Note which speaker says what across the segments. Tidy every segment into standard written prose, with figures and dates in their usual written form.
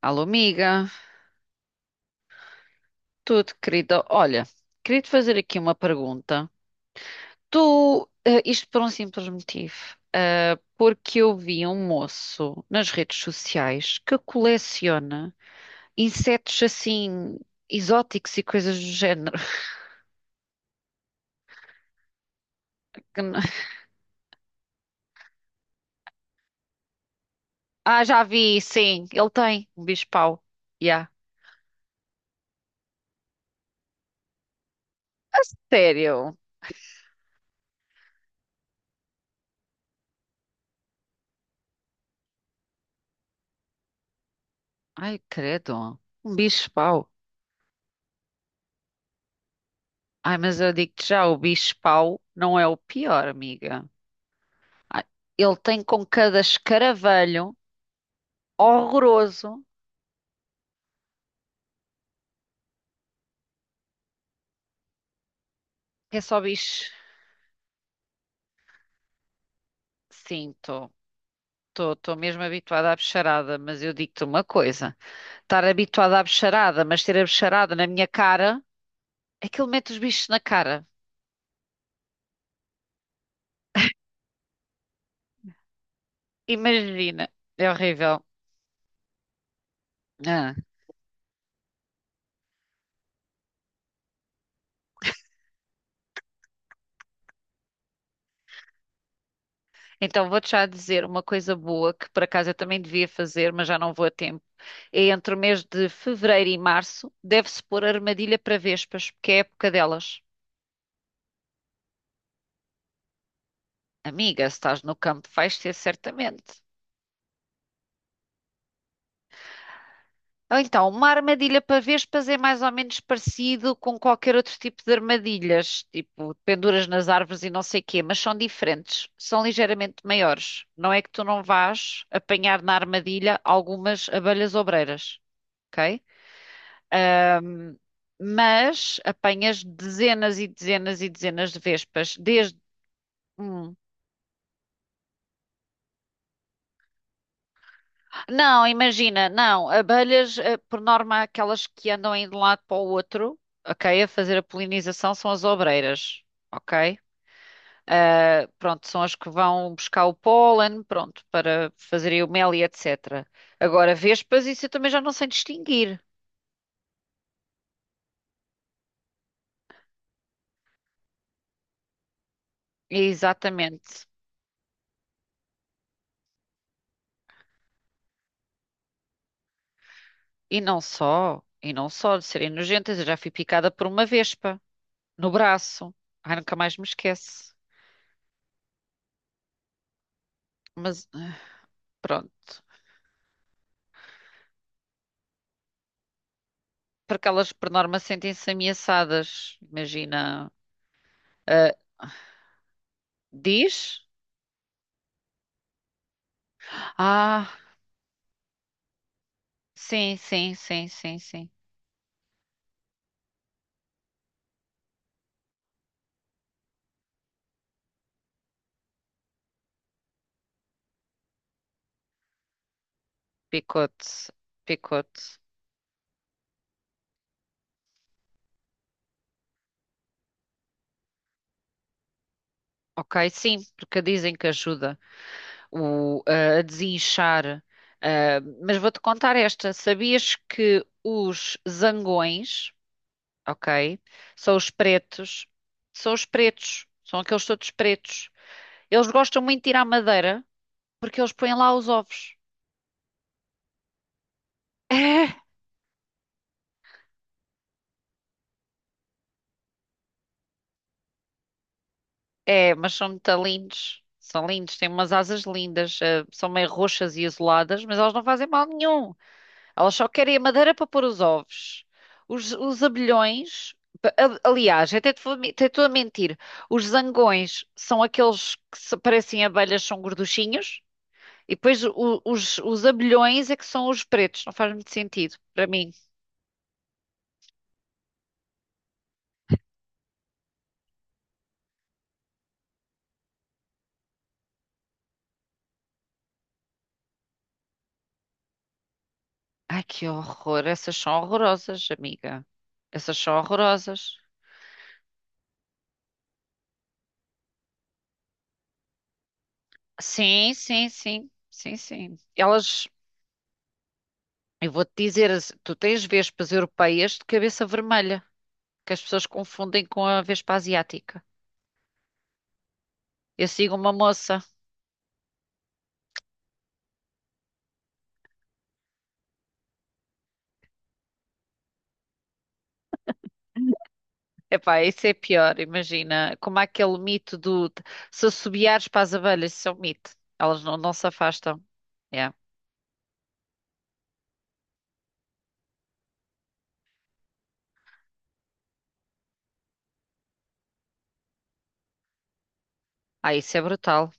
Speaker 1: Alô, amiga, tudo querida. Olha, queria te fazer aqui uma pergunta. Tu, isto por um simples motivo, porque eu vi um moço nas redes sociais que coleciona insetos assim exóticos e coisas do género. Que não- Ah, já vi, sim, ele tem um bicho-pau. Yeah. A sério? Ai, credo, um bicho-pau. Ai, mas eu digo-te já, o bicho-pau não é o pior, amiga. Ai, ele tem com cada escaravelho horroroso. É só bicho. Sim, estou. Estou mesmo habituada à bicharada, mas eu digo-te uma coisa: estar habituada à bicharada, mas ter a bicharada na minha cara, aquilo mete os bichos na cara. Imagina, é horrível. Ah. Então vou-te já dizer uma coisa boa que por acaso eu também devia fazer, mas já não vou a tempo. É entre o mês de fevereiro e março, deve-se pôr armadilha para vespas, porque é a época delas. Amiga, se estás no campo, vais ter certamente. Ou então, uma armadilha para vespas é mais ou menos parecido com qualquer outro tipo de armadilhas, tipo penduras nas árvores e não sei quê, mas são diferentes, são ligeiramente maiores. Não é que tu não vás apanhar na armadilha algumas abelhas obreiras, ok? Ahm, mas apanhas dezenas e dezenas e dezenas de vespas, desde. Hum. Não, imagina, não. Abelhas, por norma, aquelas que andam aí de um lado para o outro, ok, a fazer a polinização são as obreiras, ok? Ah, pronto, são as que vão buscar o pólen, pronto, para fazerem o mel e etc. Agora, vespas, isso eu também já não sei distinguir. Exatamente. E não só de serem nojentas, eu já fui picada por uma vespa no braço. Ai, nunca mais me esquece. Mas pronto. Porque elas por norma sentem-se ameaçadas. Imagina, ah, diz? Ah, sim, sim, sim, sim, sim. Picote, picote. Ok, sim, porque dizem que ajuda o, ah, a desinchar. Ah, mas vou-te contar esta. Sabias que os zangões, ok, são os pretos, são os pretos, são aqueles todos pretos. Eles gostam muito de tirar madeira porque eles põem lá os ovos. É, mas são muito lindos. São lindos, têm umas asas lindas, são meio roxas e isoladas, mas elas não fazem mal nenhum. Elas só querem a madeira para pôr os ovos. Os abelhões, pa- a- aliás, até te vou me- até estou a mentir. Os zangões são aqueles que se- parecem abelhas, são gorduchinhos. E depois o- os abelhões é que são os pretos, não faz muito sentido para mim. Ai, que horror! Essas são horrorosas, amiga. Essas são horrorosas. Sim, sim, sim, sim, sim. Elas, eu vou-te dizer, as- tu tens vespas europeias de cabeça vermelha, que as pessoas confundem com a vespa asiática. Eu sigo uma moça. Epá, isso é pior, imagina. Como há aquele mito do se assobiares para as abelhas, isso é um mito. Elas não, não se afastam. É. Ah, isso é brutal.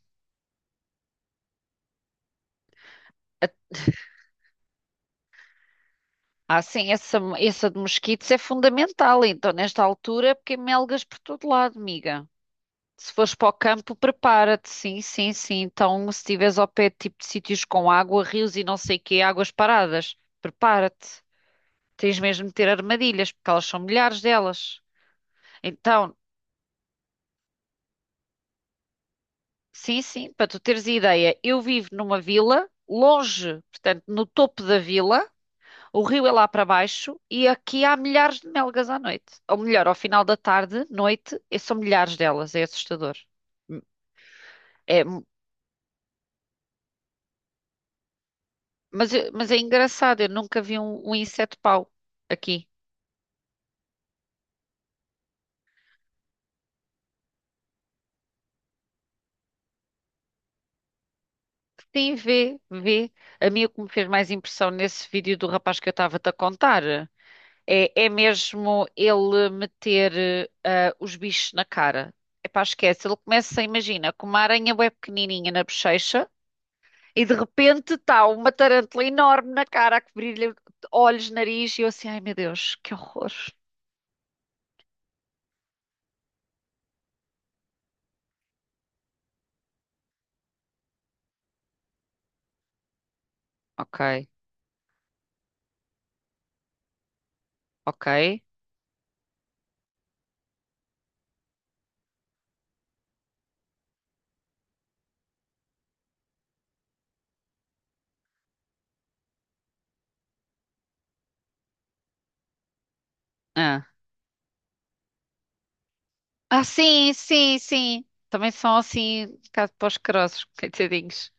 Speaker 1: Ah, sim, essa de mosquitos é fundamental, então, nesta altura, porque há melgas por todo lado, amiga. Se fores para o campo, prepara-te, sim, sim, sim. Então, se estiveres ao pé de tipo de sítios com água, rios e não sei quê, águas paradas, prepara-te. Tens mesmo de ter armadilhas, porque elas são milhares delas. Então, sim, sim, para tu teres ideia, eu vivo numa vila, longe, portanto, no topo da vila, o rio é lá para baixo e aqui há milhares de melgas à noite. Ou melhor, ao final da tarde, noite, e são milhares delas, é assustador. É. Mas é engraçado, eu nunca vi um, um inseto-pau aqui. Sim, vê, vê. A mim o que me fez mais impressão nesse vídeo do rapaz que eu estava-te a contar é, é mesmo ele meter os bichos na cara. Epá, esquece, ele começa, imagina, com uma aranha bué pequenininha na bochecha e de repente está uma tarântula enorme na cara a cobrir-lhe olhos, nariz e eu assim, ai meu Deus, que horror. Ok, ok. Ah. Ah, sim, sim, sim. Também são assim, caso para os crossos, coitadinhos.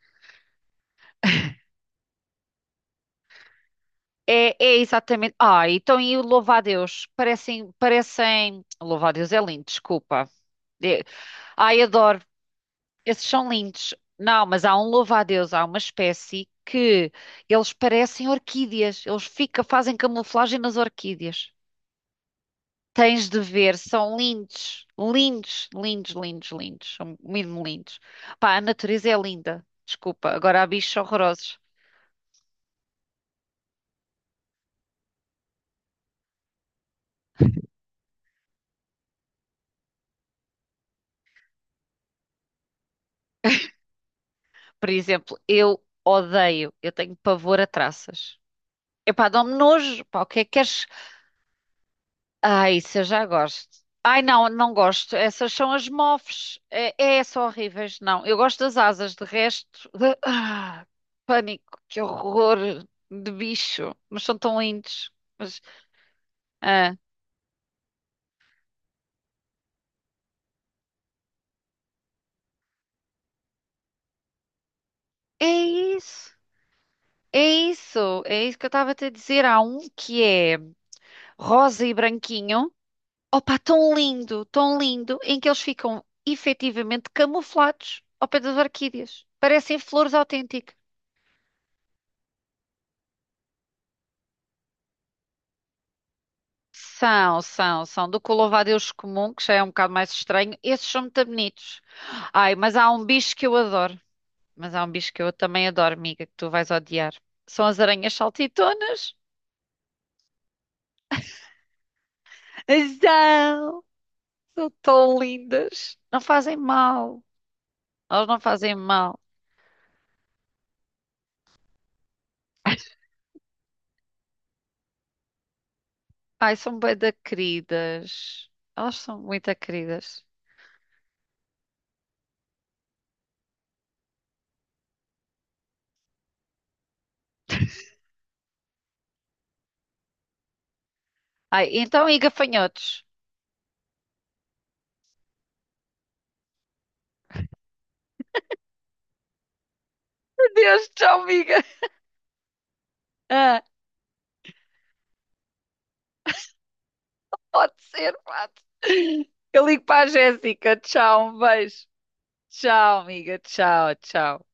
Speaker 1: É, é exatamente. Ah, então e o louva-a-Deus? Parecem, parecem. Louva-a-Deus é lindo, desculpa. É- Ai, adoro. Esses são lindos. Não, mas há um louva-a-Deus, há uma espécie que eles parecem orquídeas. Eles fica, fazem camuflagem nas orquídeas. Tens de ver, são lindos, lindos, lindos, lindos, lindos, são mesmo lindos. Pá, a natureza é linda, desculpa, agora há bichos horrorosos. Por exemplo, eu odeio, eu tenho pavor a traças. Epá, dá-me nojo, pá, o que é que queres? Ah, isso eu já gosto. Ai, não, não gosto, essas são as mofes, é, é, são horríveis, não. Eu gosto das asas, de resto, de- ah, pânico, que horror de bicho, mas são tão lindos. Mas, ah, é isso. É isso, é isso que eu estava a te dizer. Há um que é rosa e branquinho. Opa, tão lindo, em que eles ficam efetivamente camuflados ao pé das orquídeas. Parecem flores autênticas. São, são, são. Do que o louva-a-Deus comum, que já é um bocado mais estranho, esses são muito bonitos. Ai, mas há um bicho que eu adoro. Mas há um bicho que eu também adoro, amiga, que tu vais odiar. São as aranhas saltitonas. São, são tão lindas. Não fazem mal. Elas não fazem mal. Ai, são bué da queridas. Elas são muito queridas. Ai, então e gafanhotos? Meu Deus, tchau, amiga. Ah, pode ser, pode. Eu ligo para a Jéssica. Tchau, um beijo. Tchau, amiga. Tchau, tchau.